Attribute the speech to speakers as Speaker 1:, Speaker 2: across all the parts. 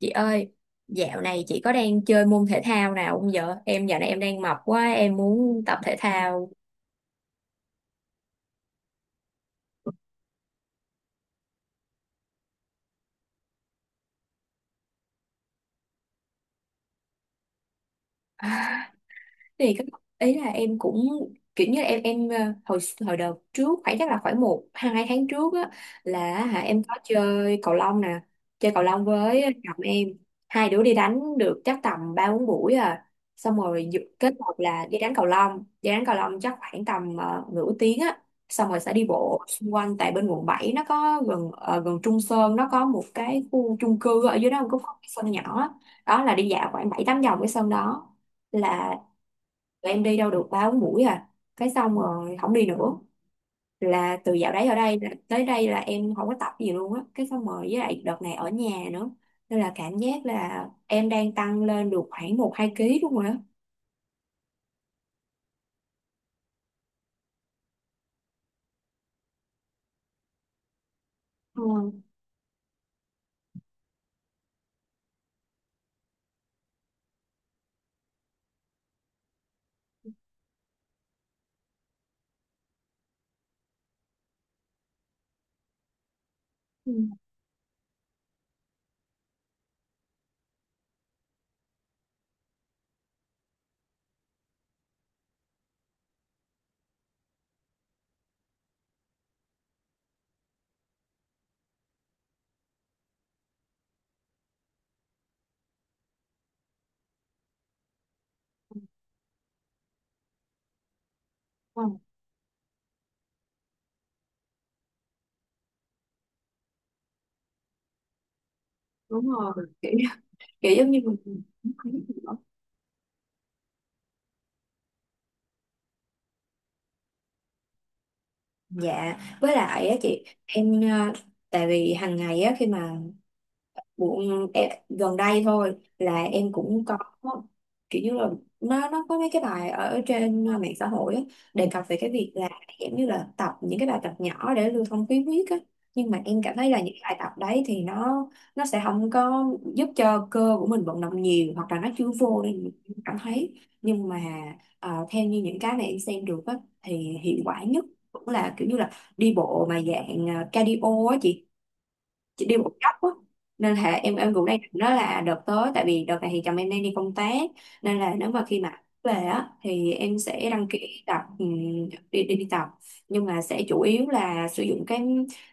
Speaker 1: Chị ơi, dạo này chị có đang chơi môn thể thao nào không vợ? Em dạo này em đang mập quá, em muốn tập thể thao. Thì cái ý là em cũng kiểu như là em hồi hồi đợt trước khoảng chắc là khoảng một hai tháng trước á, là hả em có chơi cầu lông nè, chơi cầu lông với chồng em. Hai đứa đi đánh được chắc tầm ba bốn buổi à, xong rồi kết hợp là đi đánh cầu lông chắc khoảng tầm nửa tiếng á, xong rồi sẽ đi bộ xung quanh. Tại bên quận 7 nó có gần Trung Sơn, nó có một cái khu chung cư ở dưới đó cũng có một cái sân nhỏ á. Đó là đi dạo khoảng bảy tám vòng cái sân đó. Là tụi em đi đâu được ba bốn buổi à, cái xong rồi không đi nữa. Là từ dạo đấy ở đây là- tới đây là em không có tập gì luôn á, cái xong rồi với lại đợt này ở nhà nữa, nên là cảm giác là em đang tăng lên được khoảng một hai ký đúng rồi á. Ừ. Ừ. Ừ. Đúng rồi. Kiểu, kiểu giống như mình. Dạ, với lại á chị em tại vì hàng ngày á, khi mà Bộ, em, gần đây thôi là em cũng có kiểu như là nó có mấy cái bài ở trên mạng xã hội á, đề cập về cái việc là giống như là tập những cái bài tập nhỏ để lưu thông khí huyết á. Nhưng mà em cảm thấy là những cái bài tập đấy thì nó sẽ không có giúp cho cơ của mình vận động nhiều, hoặc là nó chưa vô nên mình không cảm thấy. Nhưng mà theo như những cái mà em xem được á, thì hiệu quả nhất cũng là kiểu như là đi bộ mà dạng cardio á chị đi một góc á. Nên là em cũng đang định đó là đợt tới. Tại vì đợt này thì chồng em đang đi công tác, nên là nếu mà khi mà về á thì em sẽ đăng ký tập đi, đi đi tập. Nhưng mà sẽ chủ yếu là sử dụng cái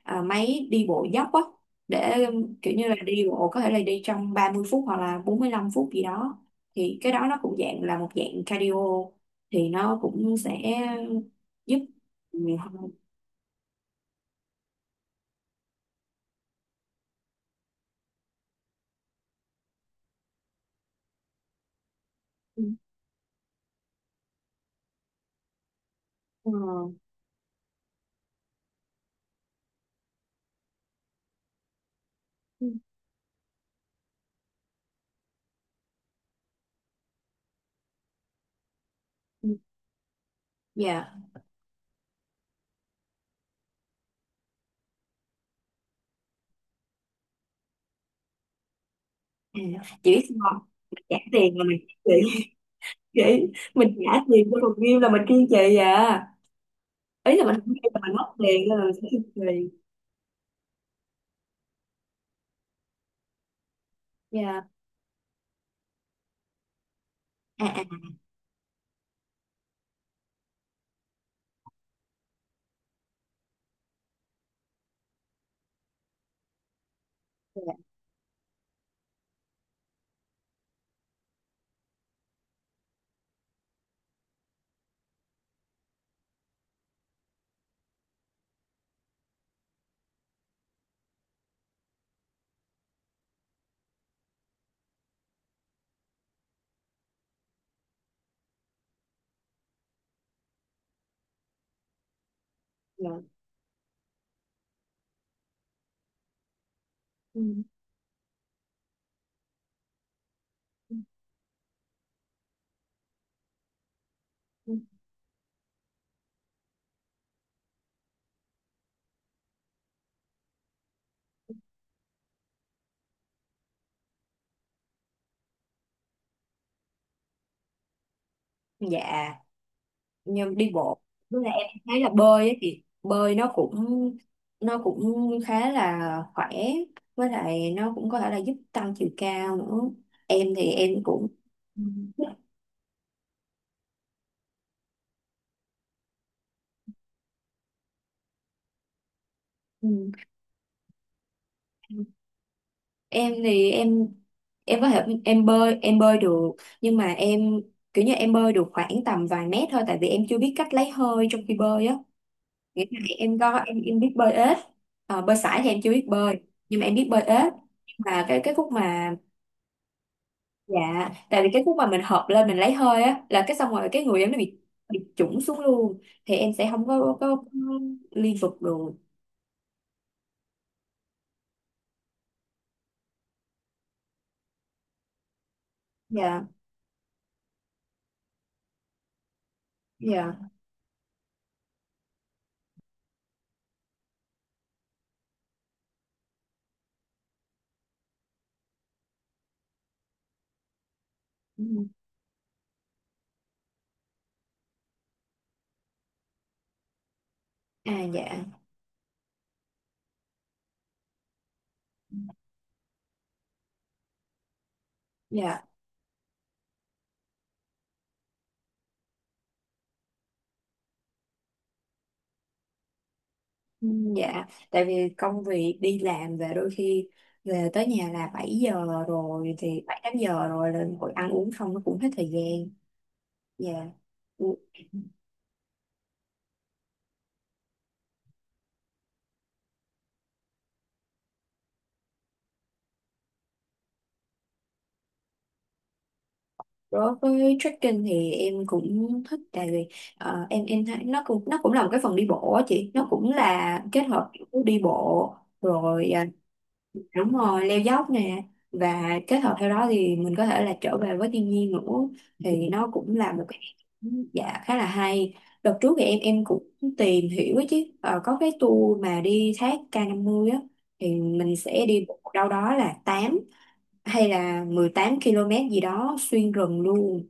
Speaker 1: máy đi bộ dốc á, để kiểu như là đi bộ có thể là đi trong 30 phút hoặc là 45 phút gì đó. Thì cái đó nó cũng dạng là một dạng cardio, thì nó cũng sẽ giúp ừ, ừ, ừ, dạ. Ừ. Chị biết sao không? Mình trả tiền là mình, chị chị mình trả tiền cho còn view là mình kiên trì à. Ý là mình không kiên là mình mất tiền nên là mình sẽ kiên trì. Dạ. À. À. Dạ. Dạ. Ừ. Ừ. Ừ. Dạ, nhưng đi bộ, với là em thấy là bơi ấy, thì bơi nó cũng khá là khỏe, với lại nó cũng có thể là giúp tăng chiều cao nữa. Em thì em cũng ừ. Ừ. Em thì em có thể em bơi, em bơi được. Nhưng mà em kiểu như em bơi được khoảng tầm vài mét thôi, tại vì em chưa biết cách lấy hơi trong khi bơi á. Nghĩa là em có, em biết bơi ếch. Ờ, bơi sải thì em chưa biết bơi, nhưng mà em biết bơi ếch. Và cái khúc mà, dạ tại vì cái khúc mà mình hợp lên mình lấy hơi á, là cái xong rồi cái người em nó bị chủng xuống luôn, thì em sẽ không có có liên tục được. Dạ. Dạ. Ừ. À. Dạ. Dạ. Ừ. Dạ, tại vì công việc đi làm về đôi khi về tới nhà là 7 giờ rồi, thì 7 8 giờ rồi lên hội ăn uống xong nó cũng hết thời gian. Dạ. Ừ. Đối với trekking thì em cũng thích, tại vì em thấy nó cũng là một cái phần đi bộ á chị, nó cũng là kết hợp giữa đi bộ rồi đúng rồi leo dốc nè. Và kết hợp theo đó thì mình có thể là trở về với thiên nhiên nữa, thì nó cũng là một cái, dạ khá là hay. Đợt trước thì em cũng tìm hiểu ấy chứ. Ờ, có cái tour mà đi thác K50 á, thì mình sẽ đi bộ đâu đó là 8 hay là 18 km gì đó xuyên rừng luôn.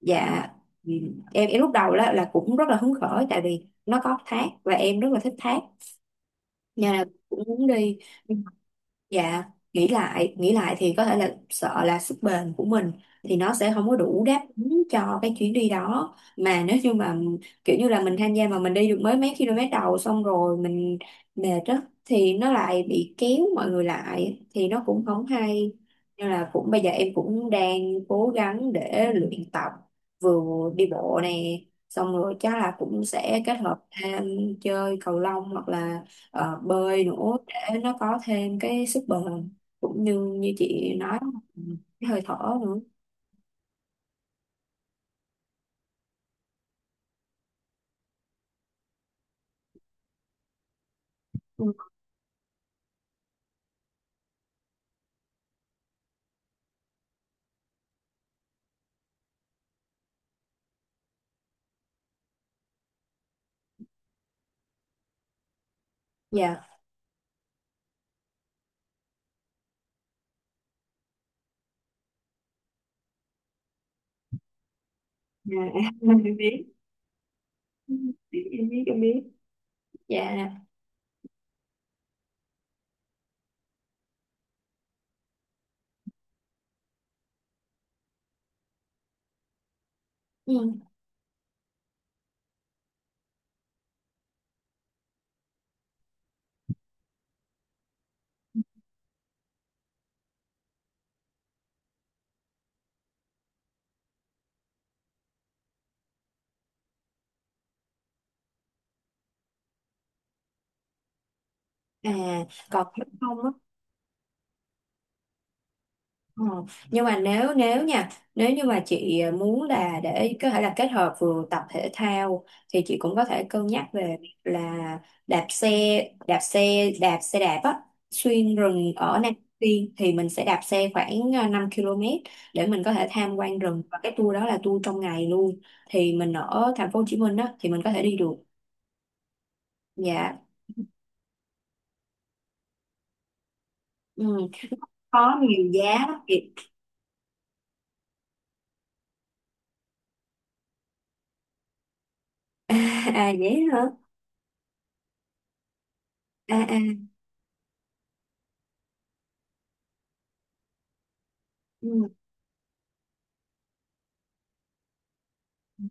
Speaker 1: Dạ. Ừ. em lúc đầu là cũng rất là hứng khởi, tại vì nó có thác và em rất là thích thác, nên là cũng muốn đi. Dạ, nghĩ lại thì có thể là sợ là sức bền của mình thì nó sẽ không có đủ đáp ứng cho cái chuyến đi đó. Mà nếu như mà kiểu như là mình tham gia mà mình đi được mới mấy km đầu xong rồi mình mệt á, thì nó lại bị kéo mọi người lại thì nó cũng không hay. Nên là cũng bây giờ em cũng đang cố gắng để luyện tập, vừa đi bộ nè, xong rồi chắc là cũng sẽ kết hợp thêm chơi cầu lông hoặc là bơi nữa, để nó có thêm cái sức bền cũng như như chị nói, cái hơi thở nữa. Dạ, yeah. Em biết, em em biết. Dạ. Ừ. À, còn nếu không á. Ờ, nhưng mà nếu, nếu nha, nếu như mà chị muốn là để có thể là kết hợp vừa tập thể thao, thì chị cũng có thể cân nhắc về việc là đạp xe, đạp xe đạp á, xuyên rừng ở Nam Phi. Thì mình sẽ đạp xe khoảng 5 km để mình có thể tham quan rừng, và cái tour đó là tour trong ngày luôn. Thì mình ở thành phố Hồ Chí Minh á thì mình có thể đi được. Dạ. Ừ. Có nhiều giá lắm chị. À vậy hả. À. À. Ừ.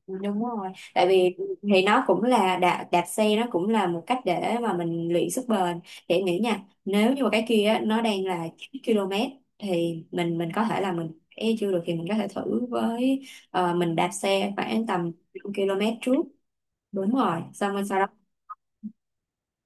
Speaker 1: Đúng rồi, tại vì thì nó cũng là đạp xe nó cũng là một cách để mà mình luyện sức bền. Để nghĩ nha, nếu như mà cái kia á, nó đang là 9 km, thì mình có thể là mình e chưa được thì mình có thể thử với mình đạp xe khoảng tầm 5 km trước. Đúng rồi, xong rồi sau.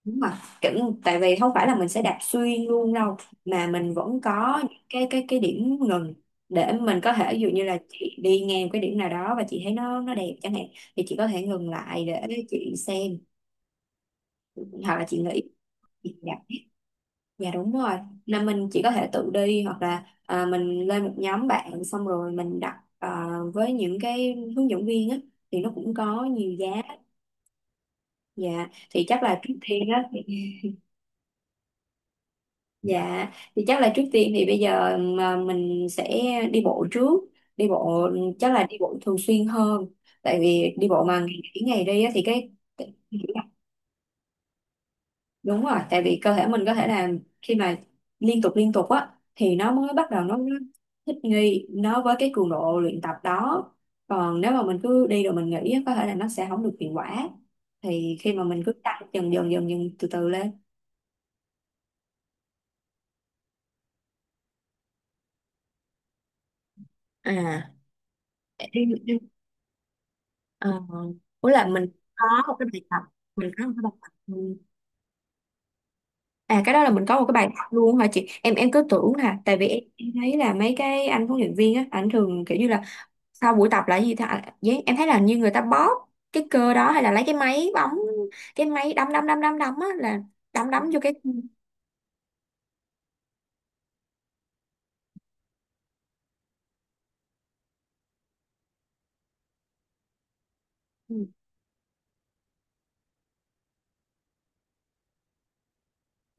Speaker 1: Đúng rồi. Kiểu, tại vì không phải là mình sẽ đạp xuyên luôn đâu, mà mình vẫn có những cái điểm ngừng, để mình có thể ví dụ như là chị đi ngang cái điểm nào đó và chị thấy nó đẹp chẳng hạn, thì chị có thể ngừng lại để chị xem hoặc là chị nghĩ, chị đạp, dạ đúng rồi, là mình chỉ có thể tự đi hoặc là mình lên một nhóm bạn xong rồi mình đặt với những cái hướng dẫn viên á, thì nó cũng có nhiều giá. Dạ, thì chắc là trước tiên á. Dạ, thì chắc là trước tiên thì bây giờ mà mình sẽ đi bộ trước. Đi bộ, chắc là đi bộ thường xuyên hơn. Tại vì đi bộ mà ngày nghỉ ngày đi á, thì cái đúng rồi, tại vì cơ thể mình có thể là khi mà liên tục á thì nó mới bắt đầu nó thích nghi nó với cái cường độ luyện tập đó. Còn nếu mà mình cứ đi rồi mình nghỉ á, có thể là nó sẽ không được hiệu quả. Thì khi mà mình cứ tăng dần dần dần dần từ từ lên. À. Em- Ờ, ủa là mình có một cái bài tập, mình có một cái bài tập ừ. À cái đó là mình có một cái bài tập luôn hả chị? Em cứ tưởng là, tại vì em thấy là mấy cái anh huấn luyện viên á, ảnh thường kiểu như là sau buổi tập là cái gì ta, à vậy em thấy là như người ta bóp cái cơ đó, hay là lấy cái máy bóng, cái máy đấm đấm đấm đấm đấm á, là đấm đấm vô cái. Ừ.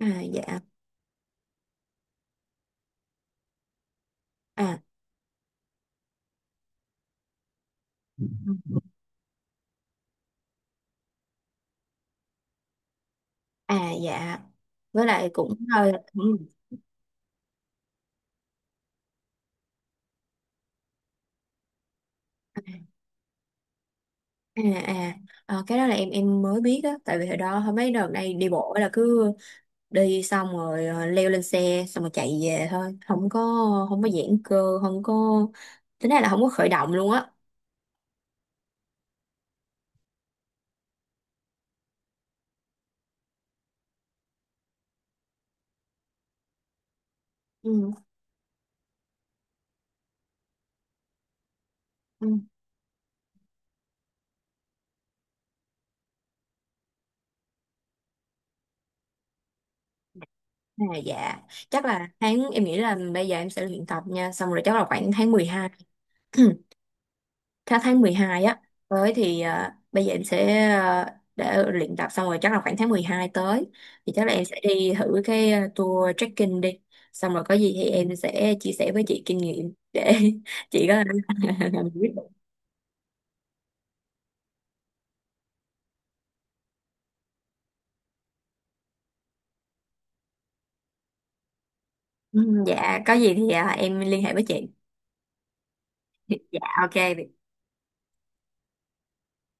Speaker 1: À dạ. À. Ừ. À dạ, với lại cũng hơi ừ. À. À. Ờ, cái đó là em mới biết á, tại vì hồi đó hồi mấy đợt này đi bộ là cứ đi xong rồi leo lên xe xong rồi chạy về thôi, không có không có giãn cơ, không có, tính ra là không có khởi động luôn á. Ừ. Ừ. À, dạ chắc là tháng, em nghĩ là bây giờ em sẽ luyện tập nha, xong rồi chắc là khoảng tháng 12. tháng tháng 12 á, tới thì bây giờ em sẽ để luyện tập, xong rồi chắc là khoảng tháng 12 tới thì chắc là em sẽ đi thử cái tour trekking đi. Xong rồi có gì thì em sẽ chia sẻ với chị kinh nghiệm để chị có làm quyết. Ừ. Dạ, có gì thì em liên hệ với chị. Dạ, ok, bye.